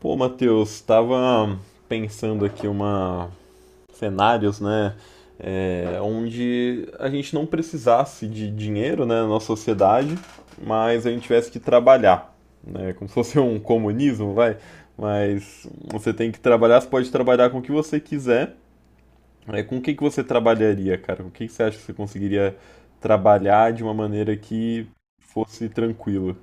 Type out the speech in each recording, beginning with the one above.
Pô, Matheus, tava pensando aqui uma cenários, né, onde a gente não precisasse de dinheiro, né, na nossa sociedade, mas a gente tivesse que trabalhar, né, como se fosse um comunismo, vai, mas você tem que trabalhar, você pode trabalhar com o que você quiser, né, com o que que você trabalharia, cara? Com o que que você acha que você conseguiria trabalhar de uma maneira que fosse tranquila?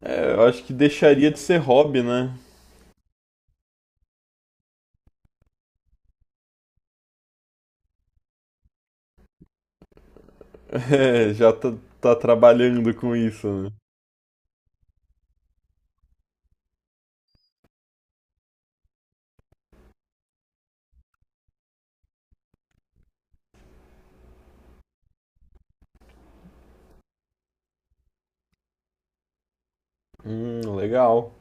É, eu acho que deixaria de ser hobby, né? É, já tá trabalhando com isso, né? Legal.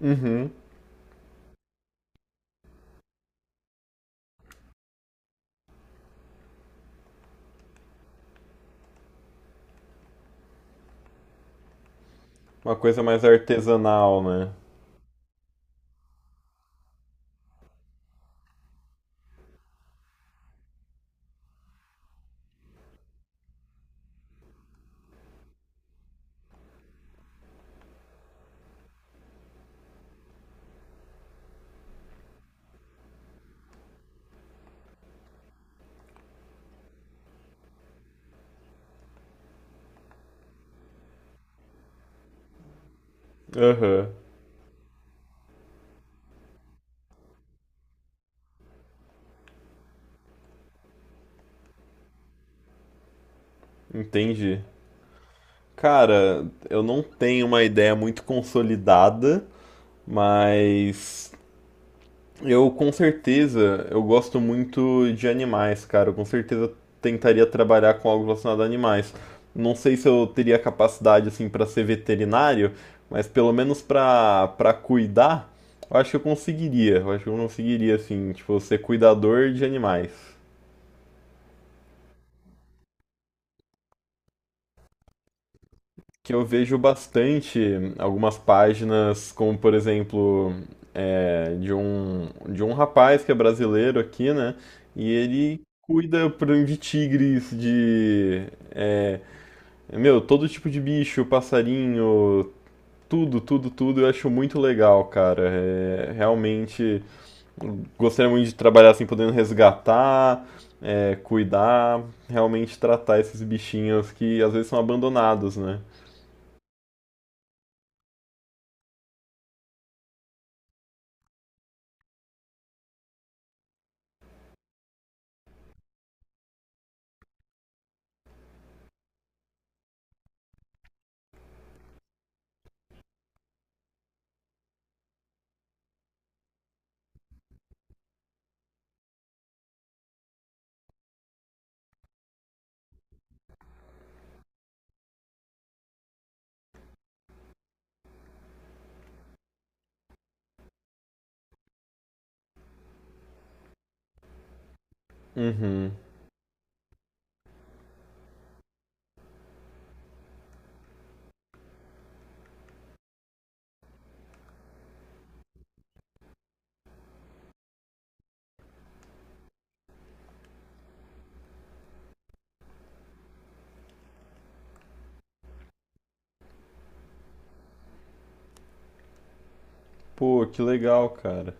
Uhum. Uma coisa mais artesanal, né? Aham, entendi. Cara, eu não tenho uma ideia muito consolidada, mas eu, com certeza, eu gosto muito de animais, cara. Eu com certeza tentaria trabalhar com algo relacionado a animais. Não sei se eu teria capacidade assim para ser veterinário, mas pelo menos para cuidar, eu acho que eu conseguiria. Eu acho que eu conseguiria assim, tipo, ser cuidador de animais. Que eu vejo bastante algumas páginas, como por exemplo, de um rapaz que é brasileiro aqui, né? E ele cuida, por exemplo, de tigres, de. é, meu, todo tipo de bicho, passarinho, tudo, tudo, tudo. Eu acho muito legal, cara. É, realmente gostaria muito de trabalhar assim, podendo resgatar, cuidar, realmente tratar esses bichinhos que às vezes são abandonados, né? Uhum. Pô, que legal, cara.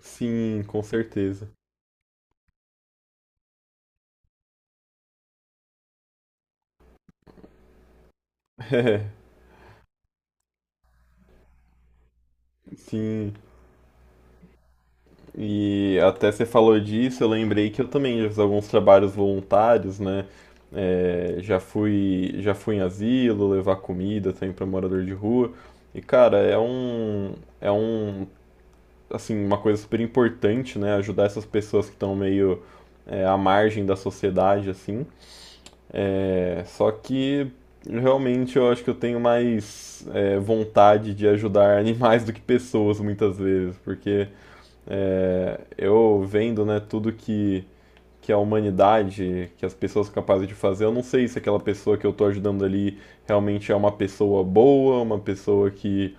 Sim, com certeza. É, sim. E até você falou disso, eu lembrei que eu também já fiz alguns trabalhos voluntários, né? É, já fui em asilo, levar comida também para morador de rua. E, cara, é um, assim, uma coisa super importante, né? Ajudar essas pessoas que estão meio, à margem da sociedade, assim. É só que realmente eu acho que eu tenho mais vontade de ajudar animais do que pessoas muitas vezes, porque eu vendo, né, tudo que a humanidade, que as pessoas são capazes de fazer, eu não sei se aquela pessoa que eu estou ajudando ali realmente é uma pessoa boa, uma pessoa que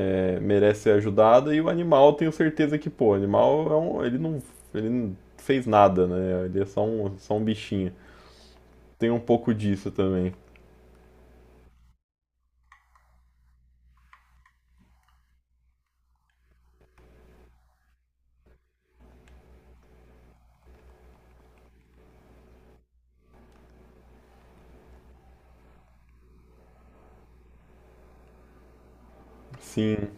merece ser ajudada, e o animal eu tenho certeza que, pô, o animal ele não fez nada, né? Ele é só um bichinho. Tem um pouco disso também. Sim.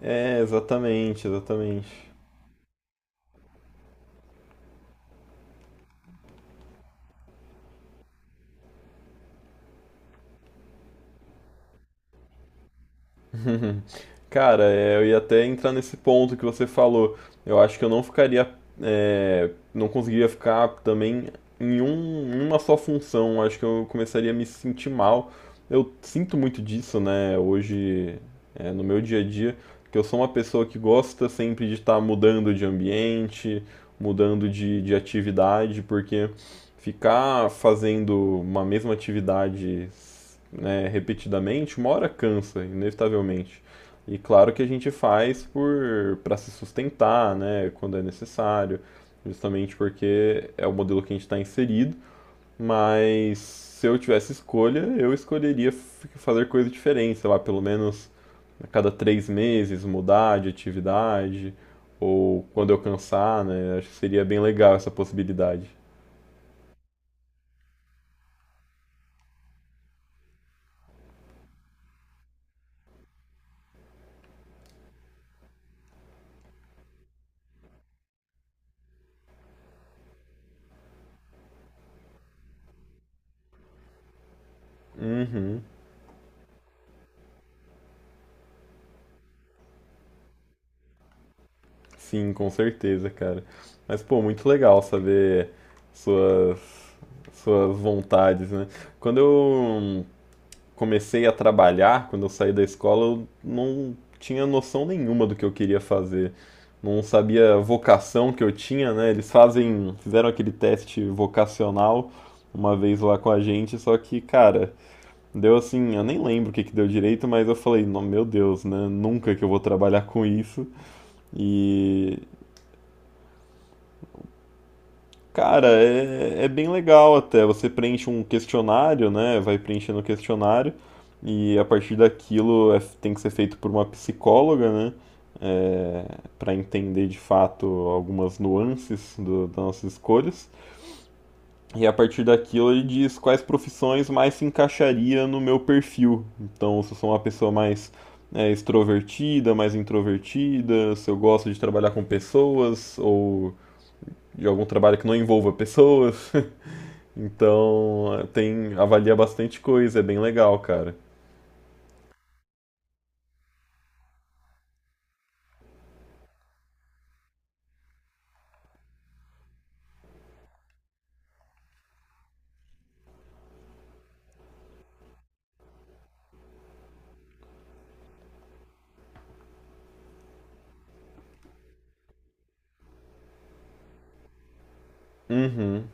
É, exatamente, exatamente. Cara, eu ia até entrar nesse ponto que você falou. Eu acho que eu não ficaria, não conseguiria ficar também em uma só função. Eu acho que eu começaria a me sentir mal. Eu sinto muito disso, né? Hoje, no meu dia a dia, que eu sou uma pessoa que gosta sempre de estar mudando de ambiente, mudando de atividade, porque ficar fazendo uma mesma atividade, né, repetidamente, uma hora cansa, inevitavelmente. E claro que a gente faz por para se sustentar, né, quando é necessário, justamente porque é o modelo que a gente está inserido. Mas se eu tivesse escolha, eu escolheria fazer coisa diferente, sei lá, pelo menos a cada 3 meses mudar de atividade ou quando eu cansar, né? Acho que seria bem legal essa possibilidade. Uhum. Sim, com certeza, cara. Mas, pô, muito legal saber suas, suas vontades, né? Quando eu comecei a trabalhar, quando eu saí da escola, eu não tinha noção nenhuma do que eu queria fazer. Não sabia a vocação que eu tinha, né? Eles fizeram aquele teste vocacional uma vez lá com a gente, só que, cara, deu assim, eu nem lembro o que que deu direito, mas eu falei, "Não, meu Deus, né? Nunca que eu vou trabalhar com isso." E, cara, é bem legal até. Você preenche um questionário, né? Vai preenchendo o questionário e a partir daquilo tem que ser feito por uma psicóloga, né? É, para entender de fato algumas nuances das nossas escolhas. E a partir daquilo ele diz quais profissões mais se encaixaria no meu perfil. Então, se eu sou uma pessoa mais extrovertida, mais introvertida, se eu gosto de trabalhar com pessoas ou de algum trabalho que não envolva pessoas. Então, avalia bastante coisa, é bem legal, cara. Uhum.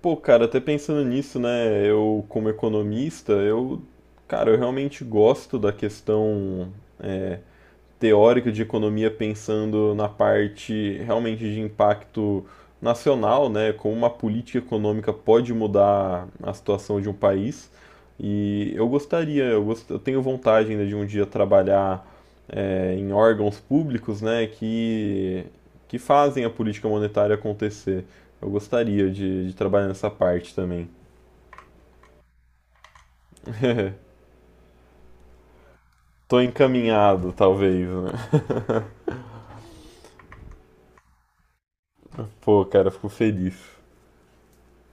Pô, cara, até pensando nisso, né? Eu, como economista, eu, cara, eu realmente gosto da questão é, teórico de economia, pensando na parte realmente de impacto nacional, né, como uma política econômica pode mudar a situação de um país. E eu gostaria, eu tenho vontade ainda de um dia trabalhar em órgãos públicos, né, que fazem a política monetária acontecer. Eu gostaria de trabalhar nessa parte também. Tô encaminhado, talvez, né? Pô, cara, fico feliz.